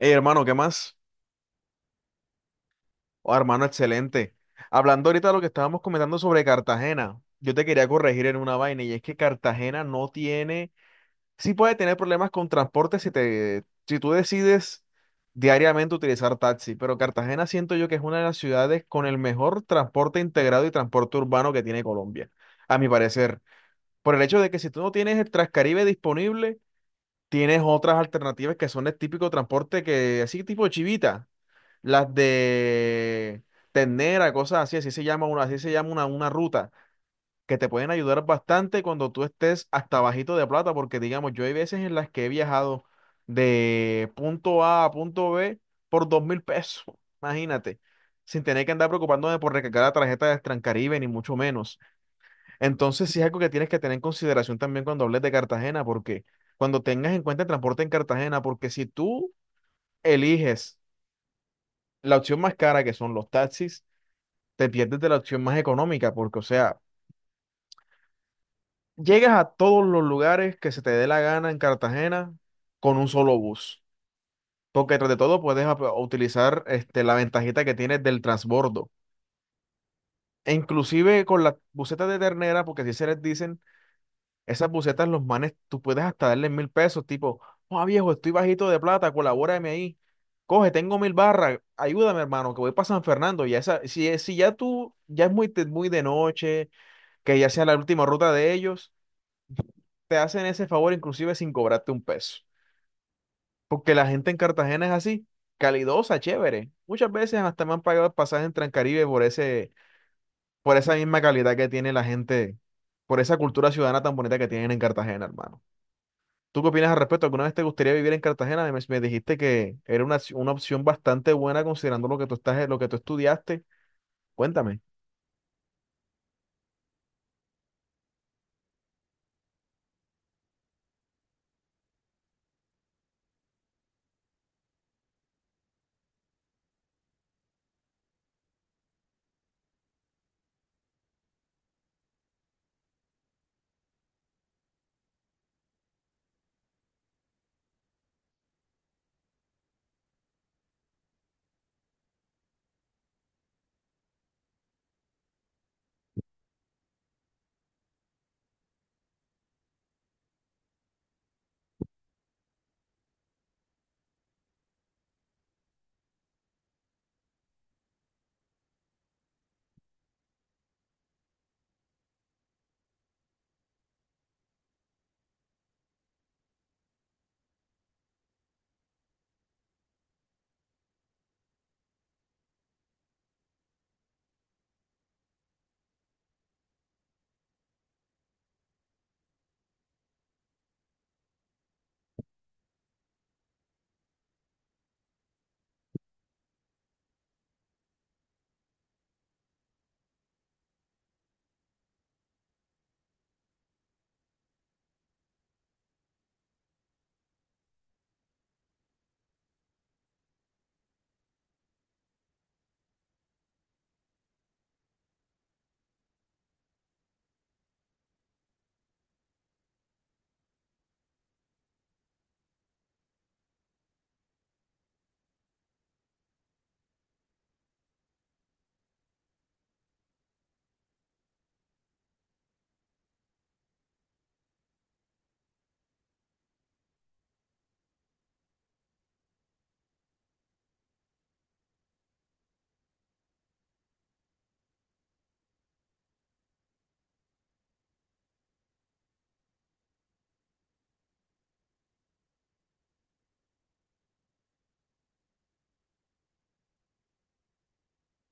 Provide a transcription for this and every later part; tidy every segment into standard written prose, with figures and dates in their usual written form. Hey, hermano, ¿qué más? Oh, hermano, excelente. Hablando ahorita de lo que estábamos comentando sobre Cartagena, yo te quería corregir en una vaina y es que Cartagena no tiene, sí puede tener problemas con transporte si tú decides diariamente utilizar taxi, pero Cartagena siento yo que es una de las ciudades con el mejor transporte integrado y transporte urbano que tiene Colombia, a mi parecer, por el hecho de que si tú no tienes el Transcaribe disponible, tienes otras alternativas que son el típico transporte que así tipo chivita las de ternera, cosas así, así se llama una, así se llama una ruta, que te pueden ayudar bastante cuando tú estés hasta bajito de plata, porque digamos, yo hay veces en las que he viajado de punto A a punto B por 2000 pesos, imagínate, sin tener que andar preocupándome por recargar la tarjeta de Transcaribe, ni mucho menos. Entonces, sí es algo que tienes que tener en consideración también cuando hables de Cartagena, porque cuando tengas en cuenta el transporte en Cartagena, porque si tú eliges la opción más cara, que son los taxis, te pierdes de la opción más económica, porque, o sea, llegas a todos los lugares que se te dé la gana en Cartagena con un solo bus, porque tras de todo puedes utilizar este, la ventajita que tienes del transbordo. E inclusive con las busetas de ternera, porque si se les dicen, esas busetas los manes, tú puedes hasta darles 1000 pesos, tipo, oh viejo, estoy bajito de plata, colabórame ahí. Coge, tengo 1000 barras, ayúdame hermano, que voy para San Fernando. Ya esa, si ya tú, ya es muy de noche, que ya sea la última ruta de ellos, te hacen ese favor inclusive sin cobrarte un peso. Porque la gente en Cartagena es así, calidosa, chévere. Muchas veces hasta me han pagado el pasaje en Transcaribe por esa misma calidad que tiene la gente, por esa cultura ciudadana tan bonita que tienen en Cartagena, hermano. ¿Tú qué opinas al respecto? ¿Alguna vez te gustaría vivir en Cartagena? Me dijiste que era una opción bastante buena considerando lo que tú estudiaste. Cuéntame.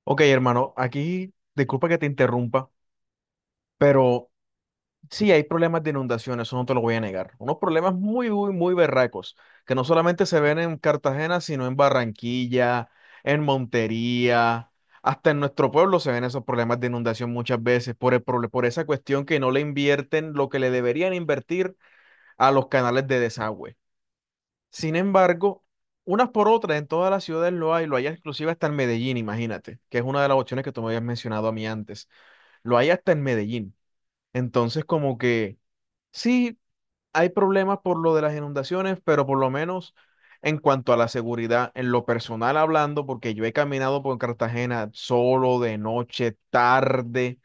Ok, hermano, aquí disculpa que te interrumpa, pero sí, hay problemas de inundación, eso no te lo voy a negar. Unos problemas muy, muy, muy berracos, que no solamente se ven en Cartagena, sino en Barranquilla, en Montería, hasta en nuestro pueblo se ven esos problemas de inundación muchas veces por esa cuestión que no le invierten lo que le deberían invertir a los canales de desagüe. Sin embargo, unas por otras en todas las ciudades lo hay exclusiva hasta en Medellín, imagínate, que es una de las opciones que tú me habías mencionado a mí antes. Lo hay hasta en Medellín. Entonces, como que... Sí, hay problemas por lo de las inundaciones, pero por lo menos en cuanto a la seguridad, en lo personal hablando, porque yo he caminado por Cartagena solo, de noche, tarde,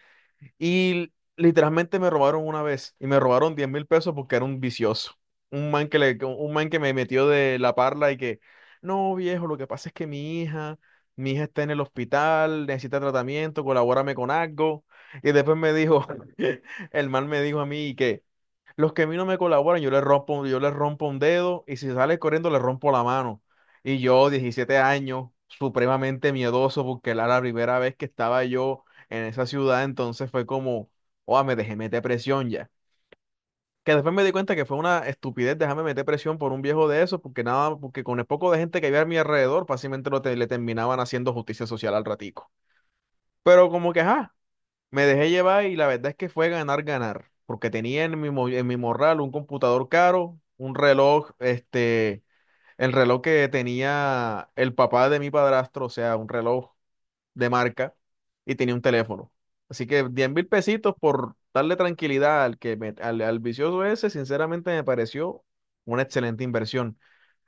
y literalmente me robaron una vez y me robaron 10.000 pesos porque era un vicioso. Un man que me metió de la parla y que, no, viejo, lo que pasa es que mi hija está en el hospital, necesita tratamiento, colabórame con algo. Y después me dijo, el man me dijo a mí que los que a mí no me colaboran, yo les rompo un dedo y si sale corriendo, le rompo la mano. Y yo, 17 años, supremamente miedoso, porque era la primera vez que estaba yo en esa ciudad, entonces fue como, oh, me dejé meter presión ya. Que después me di cuenta que fue una estupidez dejarme meter presión por un viejo de eso, porque nada, porque con el poco de gente que había a mi alrededor, fácilmente le terminaban haciendo justicia social al ratico. Pero como que, ajá, me dejé llevar y la verdad es que fue ganar, ganar, porque tenía en en mi morral un computador caro, un reloj, este, el reloj que tenía el papá de mi padrastro, o sea, un reloj de marca, y tenía un teléfono. Así que 10.000 pesitos por darle tranquilidad al al vicioso ese, sinceramente me pareció una excelente inversión.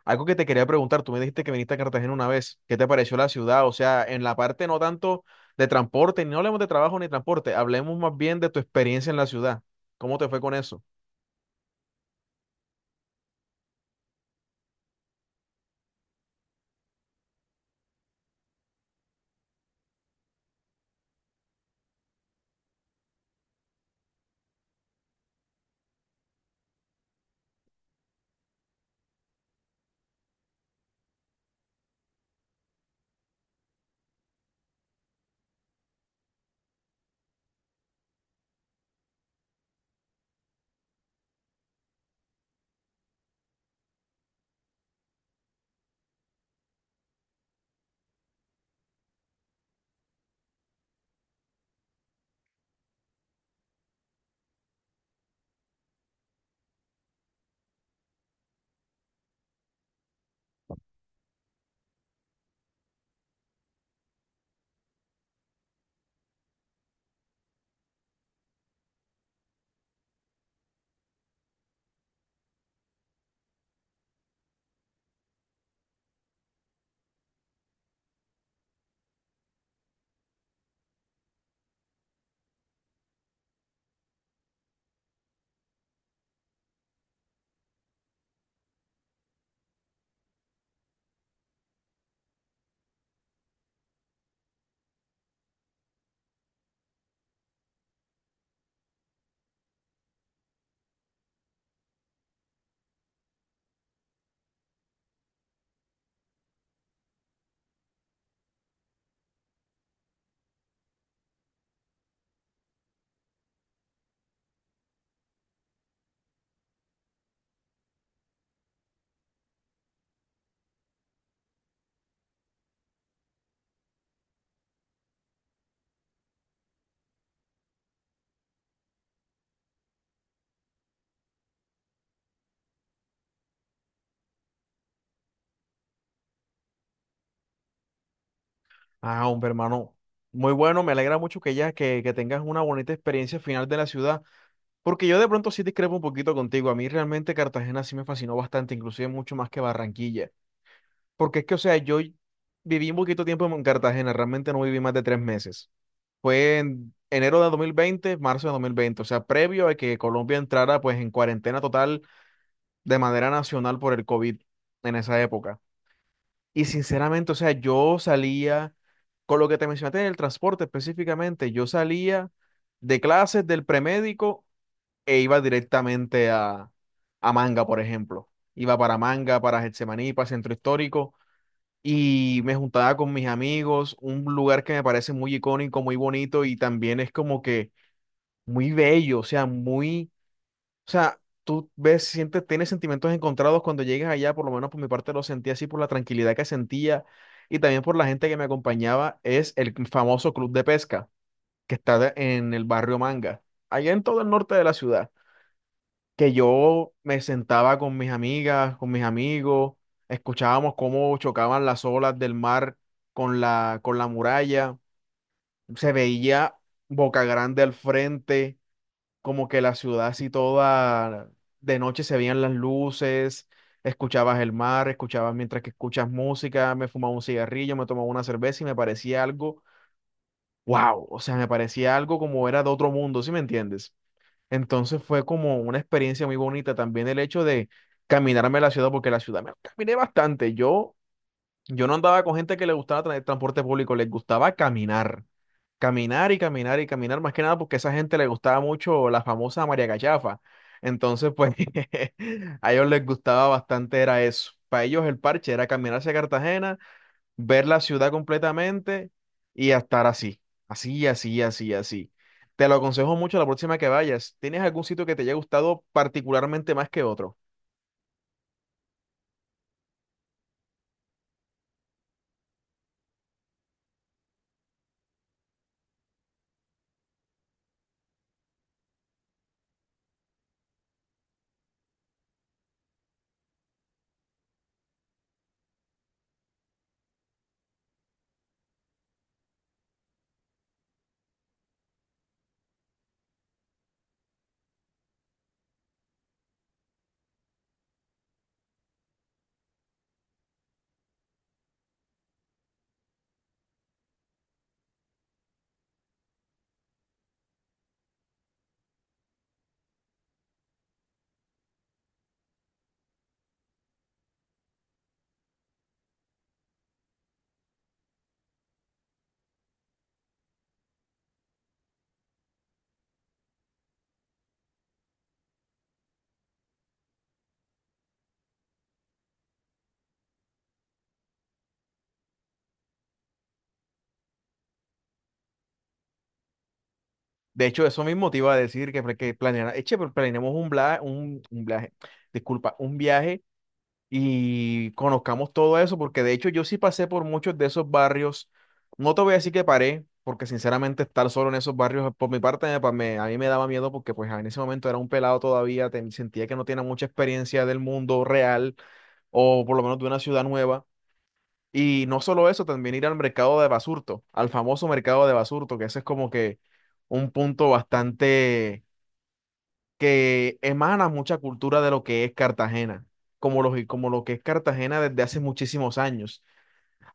Algo que te quería preguntar, tú me dijiste que viniste a Cartagena una vez, ¿qué te pareció la ciudad? O sea, en la parte no tanto de transporte, no hablemos de trabajo ni transporte, hablemos más bien de tu experiencia en la ciudad. ¿Cómo te fue con eso? Ah, hombre, hermano, muy bueno, me alegra mucho que que tengas una bonita experiencia final de la ciudad, porque yo de pronto sí discrepo un poquito contigo. A mí realmente Cartagena sí me fascinó bastante, inclusive mucho más que Barranquilla, porque es que, o sea, yo viví un poquito tiempo en Cartagena, realmente no viví más de 3 meses. Fue en enero de 2020, marzo de 2020, o sea, previo a que Colombia entrara pues en cuarentena total de manera nacional por el COVID en esa época. Y sinceramente, o sea, yo salía, con lo que te mencionaste en el transporte específicamente, yo salía de clases del premédico e iba directamente a Manga, por ejemplo. Iba para Manga, para Getsemaní, para Centro Histórico y me juntaba con mis amigos, un lugar que me parece muy icónico, muy bonito y también es como que muy bello, o sea, muy, o sea, tú ves, sientes, tienes sentimientos encontrados cuando llegas allá, por lo menos por mi parte lo sentí así por la tranquilidad que sentía y también por la gente que me acompañaba, es el famoso club de pesca que en el barrio Manga, allá en todo el norte de la ciudad, que yo me sentaba con mis amigas, con mis amigos, escuchábamos cómo chocaban las olas del mar con la muralla, se veía Boca Grande al frente como que la ciudad así toda, de noche se veían las luces, escuchabas el mar, escuchabas mientras que escuchas música, me fumaba un cigarrillo, me tomaba una cerveza y me parecía algo, wow, o sea, me parecía algo como era de otro mundo, ¿sí me entiendes? Entonces fue como una experiencia muy bonita también el hecho de caminarme la ciudad, porque la ciudad me caminé bastante, yo no andaba con gente que el transporte público, les gustaba caminar, caminar y caminar y caminar, más que nada porque a esa gente le gustaba mucho la famosa María Cachafa. Entonces, pues, a ellos les gustaba bastante era eso. Para ellos el parche era caminar hacia Cartagena, ver la ciudad completamente y a estar así, así, así, así, así. Te lo aconsejo mucho la próxima que vayas. ¿Tienes algún sitio que te haya gustado particularmente más que otro? De hecho, eso mismo te iba a decir que planeara, eche, pero planeemos un viaje, disculpa, un viaje y conozcamos todo eso, porque de hecho yo sí pasé por muchos de esos barrios. No te voy a decir que paré, porque sinceramente estar solo en esos barrios por mi parte a mí me daba miedo porque pues en ese momento era un pelado todavía, sentía que no tenía mucha experiencia del mundo real o por lo menos de una ciudad nueva. Y no solo eso, también ir al mercado de Basurto, al famoso mercado de Basurto, que ese es como que un punto bastante que emana mucha cultura de lo que es Cartagena, como lo que es Cartagena desde hace muchísimos años.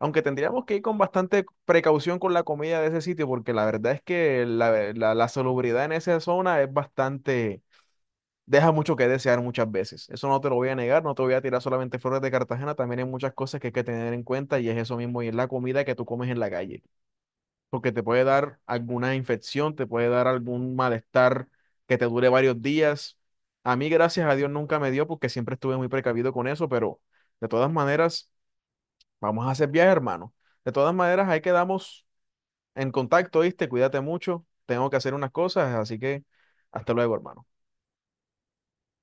Aunque tendríamos que ir con bastante precaución con la comida de ese sitio, porque la verdad es que la salubridad en esa zona es bastante deja mucho que desear muchas veces. Eso no te lo voy a negar, no te voy a tirar solamente flores de Cartagena, también hay muchas cosas que hay que tener en cuenta y es eso mismo, y es la comida que tú comes en la calle, porque te puede dar alguna infección, te puede dar algún malestar que te dure varios días. A mí, gracias a Dios, nunca me dio porque siempre estuve muy precavido con eso, pero de todas maneras, vamos a hacer viaje, hermano. De todas maneras, ahí quedamos en contacto, ¿viste? Cuídate mucho, tengo que hacer unas cosas, así que hasta luego, hermano.